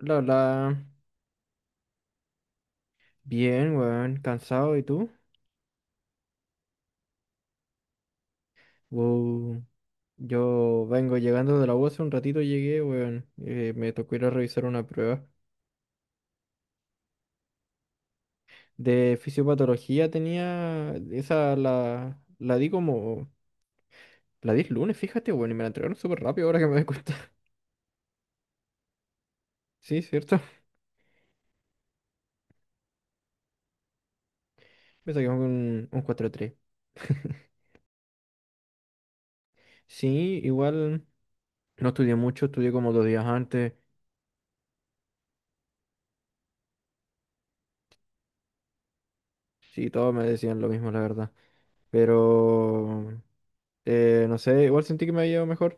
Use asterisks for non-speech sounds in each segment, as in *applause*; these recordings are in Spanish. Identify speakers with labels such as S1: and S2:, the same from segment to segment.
S1: La, la, Bien, weón, cansado, ¿y tú? Wow. Yo vengo llegando de la U hace un ratito llegué, weón. Me tocó ir a revisar una prueba. De fisiopatología tenía, esa la di como, la di el lunes, fíjate, weón, y me la entregaron súper rápido ahora que me doy cuenta. *laughs* Sí, cierto. Me saqué un 4,3. *laughs* Sí, igual no estudié mucho, estudié como dos días antes. Sí, todos me decían lo mismo, la verdad. Pero... No sé, igual sentí que me había ido mejor,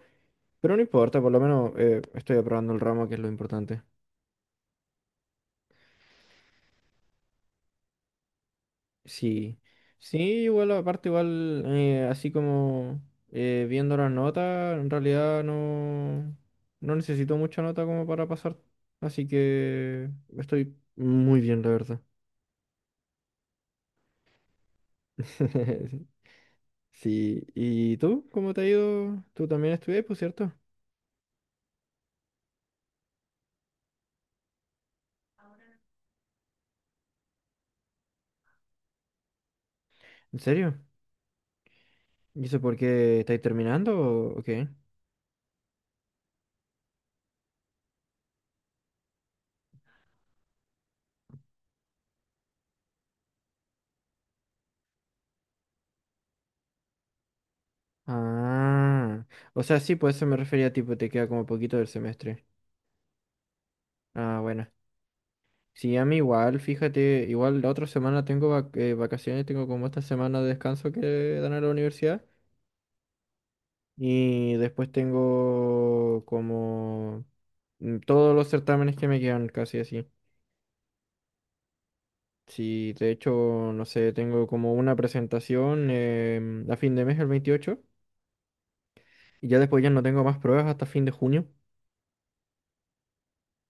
S1: pero no importa, por lo menos estoy aprobando el ramo, que es lo importante. Sí, sí, igual aparte, igual así como viendo las notas, en realidad no, no necesito mucha nota como para pasar, así que estoy muy bien, la verdad. *laughs* Sí, ¿y tú? ¿Cómo te ha ido? ¿Tú también estudias, por cierto? ¿En serio? ¿Y eso por qué estáis terminando o qué? Ah, o sea, sí, pues eso me refería, tipo, te queda como poquito del semestre. Ah, bueno. Sí, a mí igual, fíjate, igual la otra semana tengo vacaciones, tengo como esta semana de descanso que dan a la universidad y después tengo como todos los certámenes que me quedan casi así. Sí, de hecho, no sé, tengo como una presentación a fin de mes, el 28 y ya después ya no tengo más pruebas hasta fin de junio.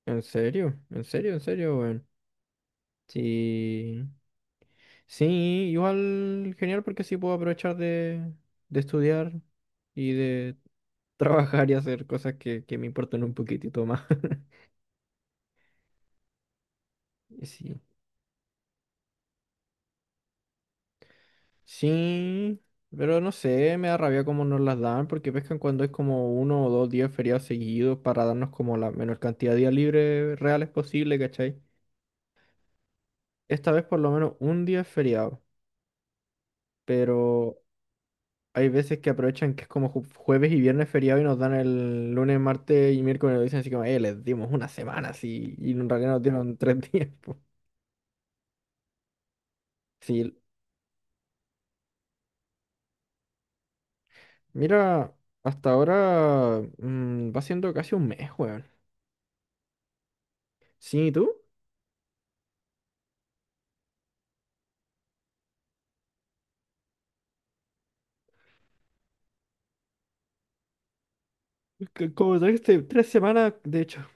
S1: ¿En serio? ¿En serio? ¿En serio, weón? Sí, sí, igual genial porque así puedo aprovechar de estudiar y de *laughs* trabajar y hacer cosas que me importan un poquitito más. *laughs* Y sí, sí, pero no sé, me da rabia cómo nos las dan porque pescan cuando es como uno o dos días feriados seguidos para darnos como la menor cantidad de días libres reales posible, ¿cachai? Esta vez por lo menos un día es feriado, pero hay veces que aprovechan que es como jueves y viernes feriado y nos dan el lunes, martes y miércoles, y nos dicen así como, les dimos una semana así. Y en realidad nos dieron *laughs* tres días, po. Sí, mira, hasta ahora va siendo casi un mes, weón. Sí, ¿y tú? Como trajiste tres semanas, de hecho.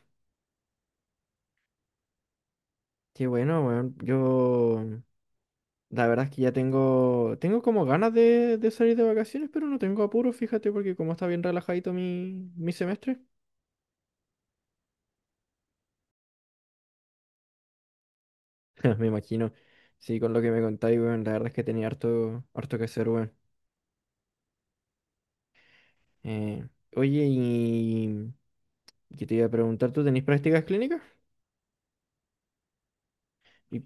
S1: Qué bueno, weón. Yo, la verdad es que ya tengo, tengo como ganas de salir de vacaciones, pero no tengo apuro, fíjate, porque como está bien relajadito mi, mi semestre. *laughs* Me imagino. Sí, con lo que me contáis, weón, la verdad es que tenía harto, harto que hacer, weón. Eh, Oye, y que te iba a preguntar, ¿tú tenéis prácticas clínicas? Y-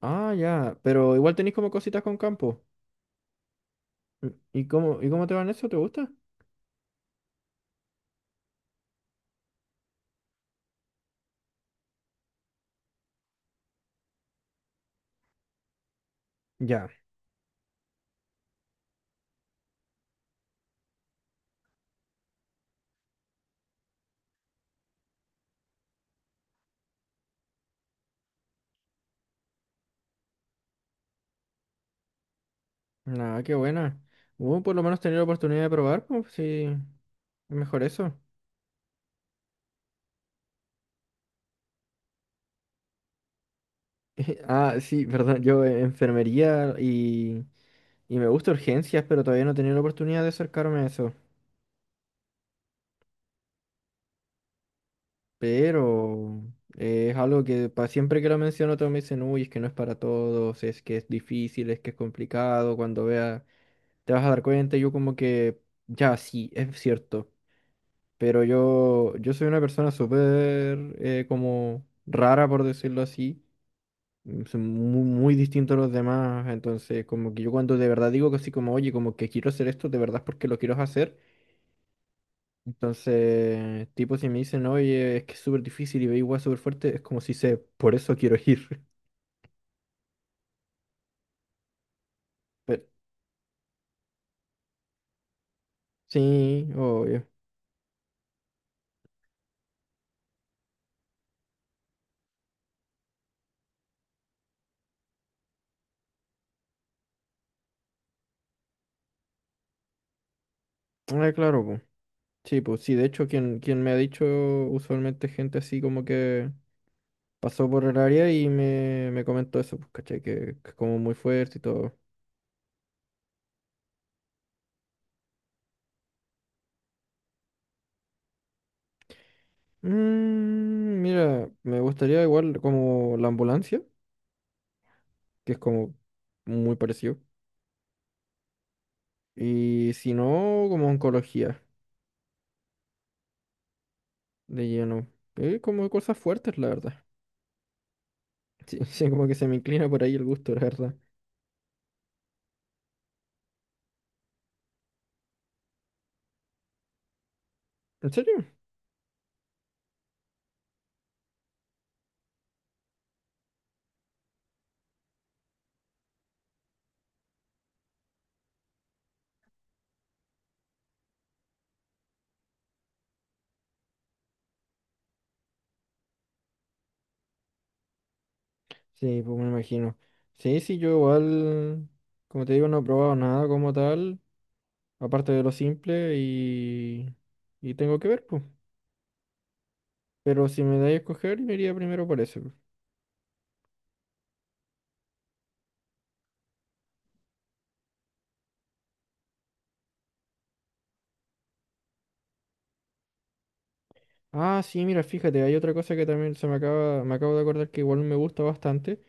S1: Ah, ya, pero igual tenéis como cositas con campo. ¿Y cómo te van eso? ¿Te gusta? Ya. Nada, qué buena. Por lo menos tener la oportunidad de probar, pues sí, mejor eso. *laughs* Ah, sí, perdón, yo enfermería y me gusta urgencias, pero todavía no he tenido la oportunidad de acercarme a eso. Pero es algo que para siempre que lo menciono todos me dicen, uy, es que no es para todos, es que es difícil, es que es complicado, cuando veas te vas a dar cuenta, y yo como que, ya, sí, es cierto, pero yo soy una persona súper como rara, por decirlo así, soy muy, muy distinto a los demás, entonces como que yo cuando de verdad digo que así como, oye, como que quiero hacer esto, de verdad es porque lo quiero hacer. Entonces, tipo, si me dicen, oye, es que es súper difícil y ve igual súper fuerte, es como si sé, por eso quiero ir. *laughs* Pero, sí, obvio. Ah, claro, pues. Sí, pues sí, de hecho, quien me ha dicho usualmente gente así como que pasó por el área y me comentó eso, pues, caché, que es como muy fuerte y todo. Mm, mira, me gustaría igual como la ambulancia, que es como muy parecido. Y si no, como oncología. De lleno. Como cosas fuertes, la verdad. Sí, *laughs* sí, como que se me inclina por ahí el gusto, la verdad. ¿En serio? Sí, pues me imagino. Sí, sí, yo igual, como te digo, no he probado nada como tal, aparte de lo simple y tengo que ver, pues. Pero si me dais a escoger, me iría primero por eso. Ah, sí, mira, fíjate, hay otra cosa que también se me acaba, me acabo de acordar que igual me gusta bastante.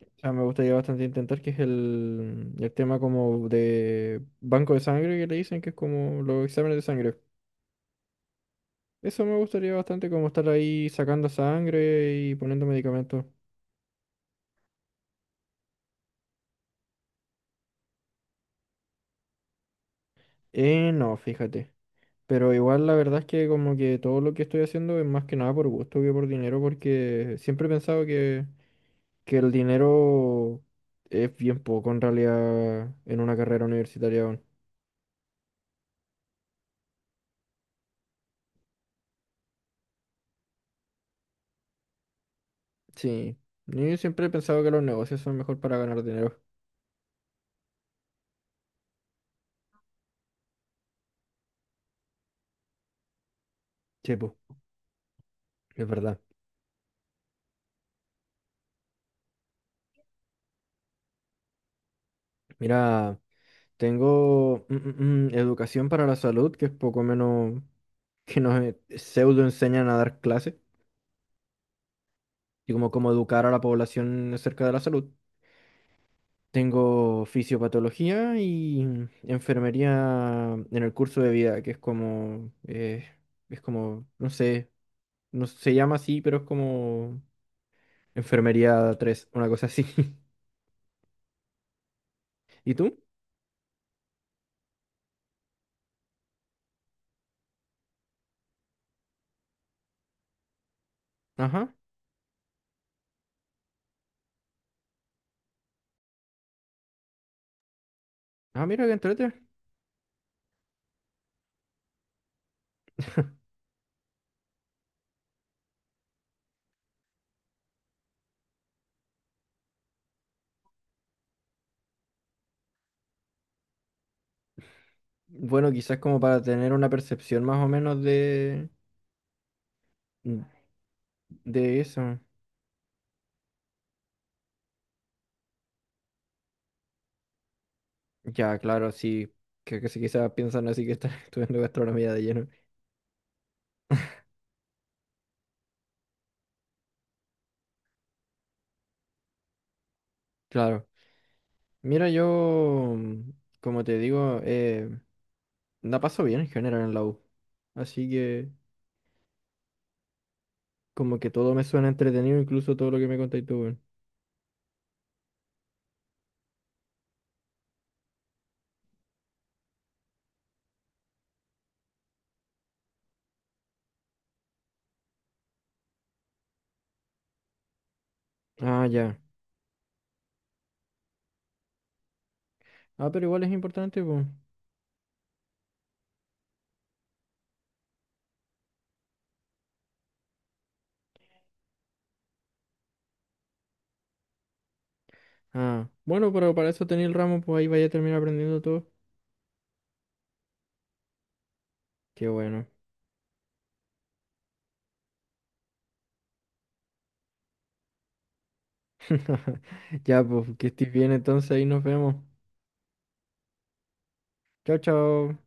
S1: O sea, me gustaría bastante intentar, que es el tema como de banco de sangre que le dicen, que es como los exámenes de sangre. Eso me gustaría bastante, como estar ahí sacando sangre y poniendo medicamentos. No, fíjate. Pero igual la verdad es que como que todo lo que estoy haciendo es más que nada por gusto que por dinero, porque siempre he pensado que el dinero es bien poco en realidad en una carrera universitaria aún. Sí, yo siempre he pensado que los negocios son mejor para ganar dinero. Sí, pues, es verdad. Mira, tengo educación para la salud, que es poco menos que nos pseudo enseñan a dar clases y como cómo educar a la población acerca de la salud. Tengo fisiopatología y enfermería en el curso de vida, que es como, no sé, no se llama así, pero es como enfermería tres, una cosa así. *laughs* ¿Y tú? Ajá. Ah, mira, que entrete. *laughs* Bueno, quizás como para tener una percepción más o menos de eso. Ya, claro, sí, que si quizás piensan así que están *laughs* estudiando gastronomía de lleno. Claro. Mira, yo, como te digo, la paso bien en general en la U. Así que, como que todo me suena entretenido, incluso todo lo que me contáis tú, weón. Ah, ya. Ah, pero igual es importante, pues. Ah, bueno, pero para eso tenéis el ramo, pues ahí vaya a terminar aprendiendo todo. Qué bueno. *laughs* Ya, pues, que estés bien entonces, ahí nos vemos. Chao, chao.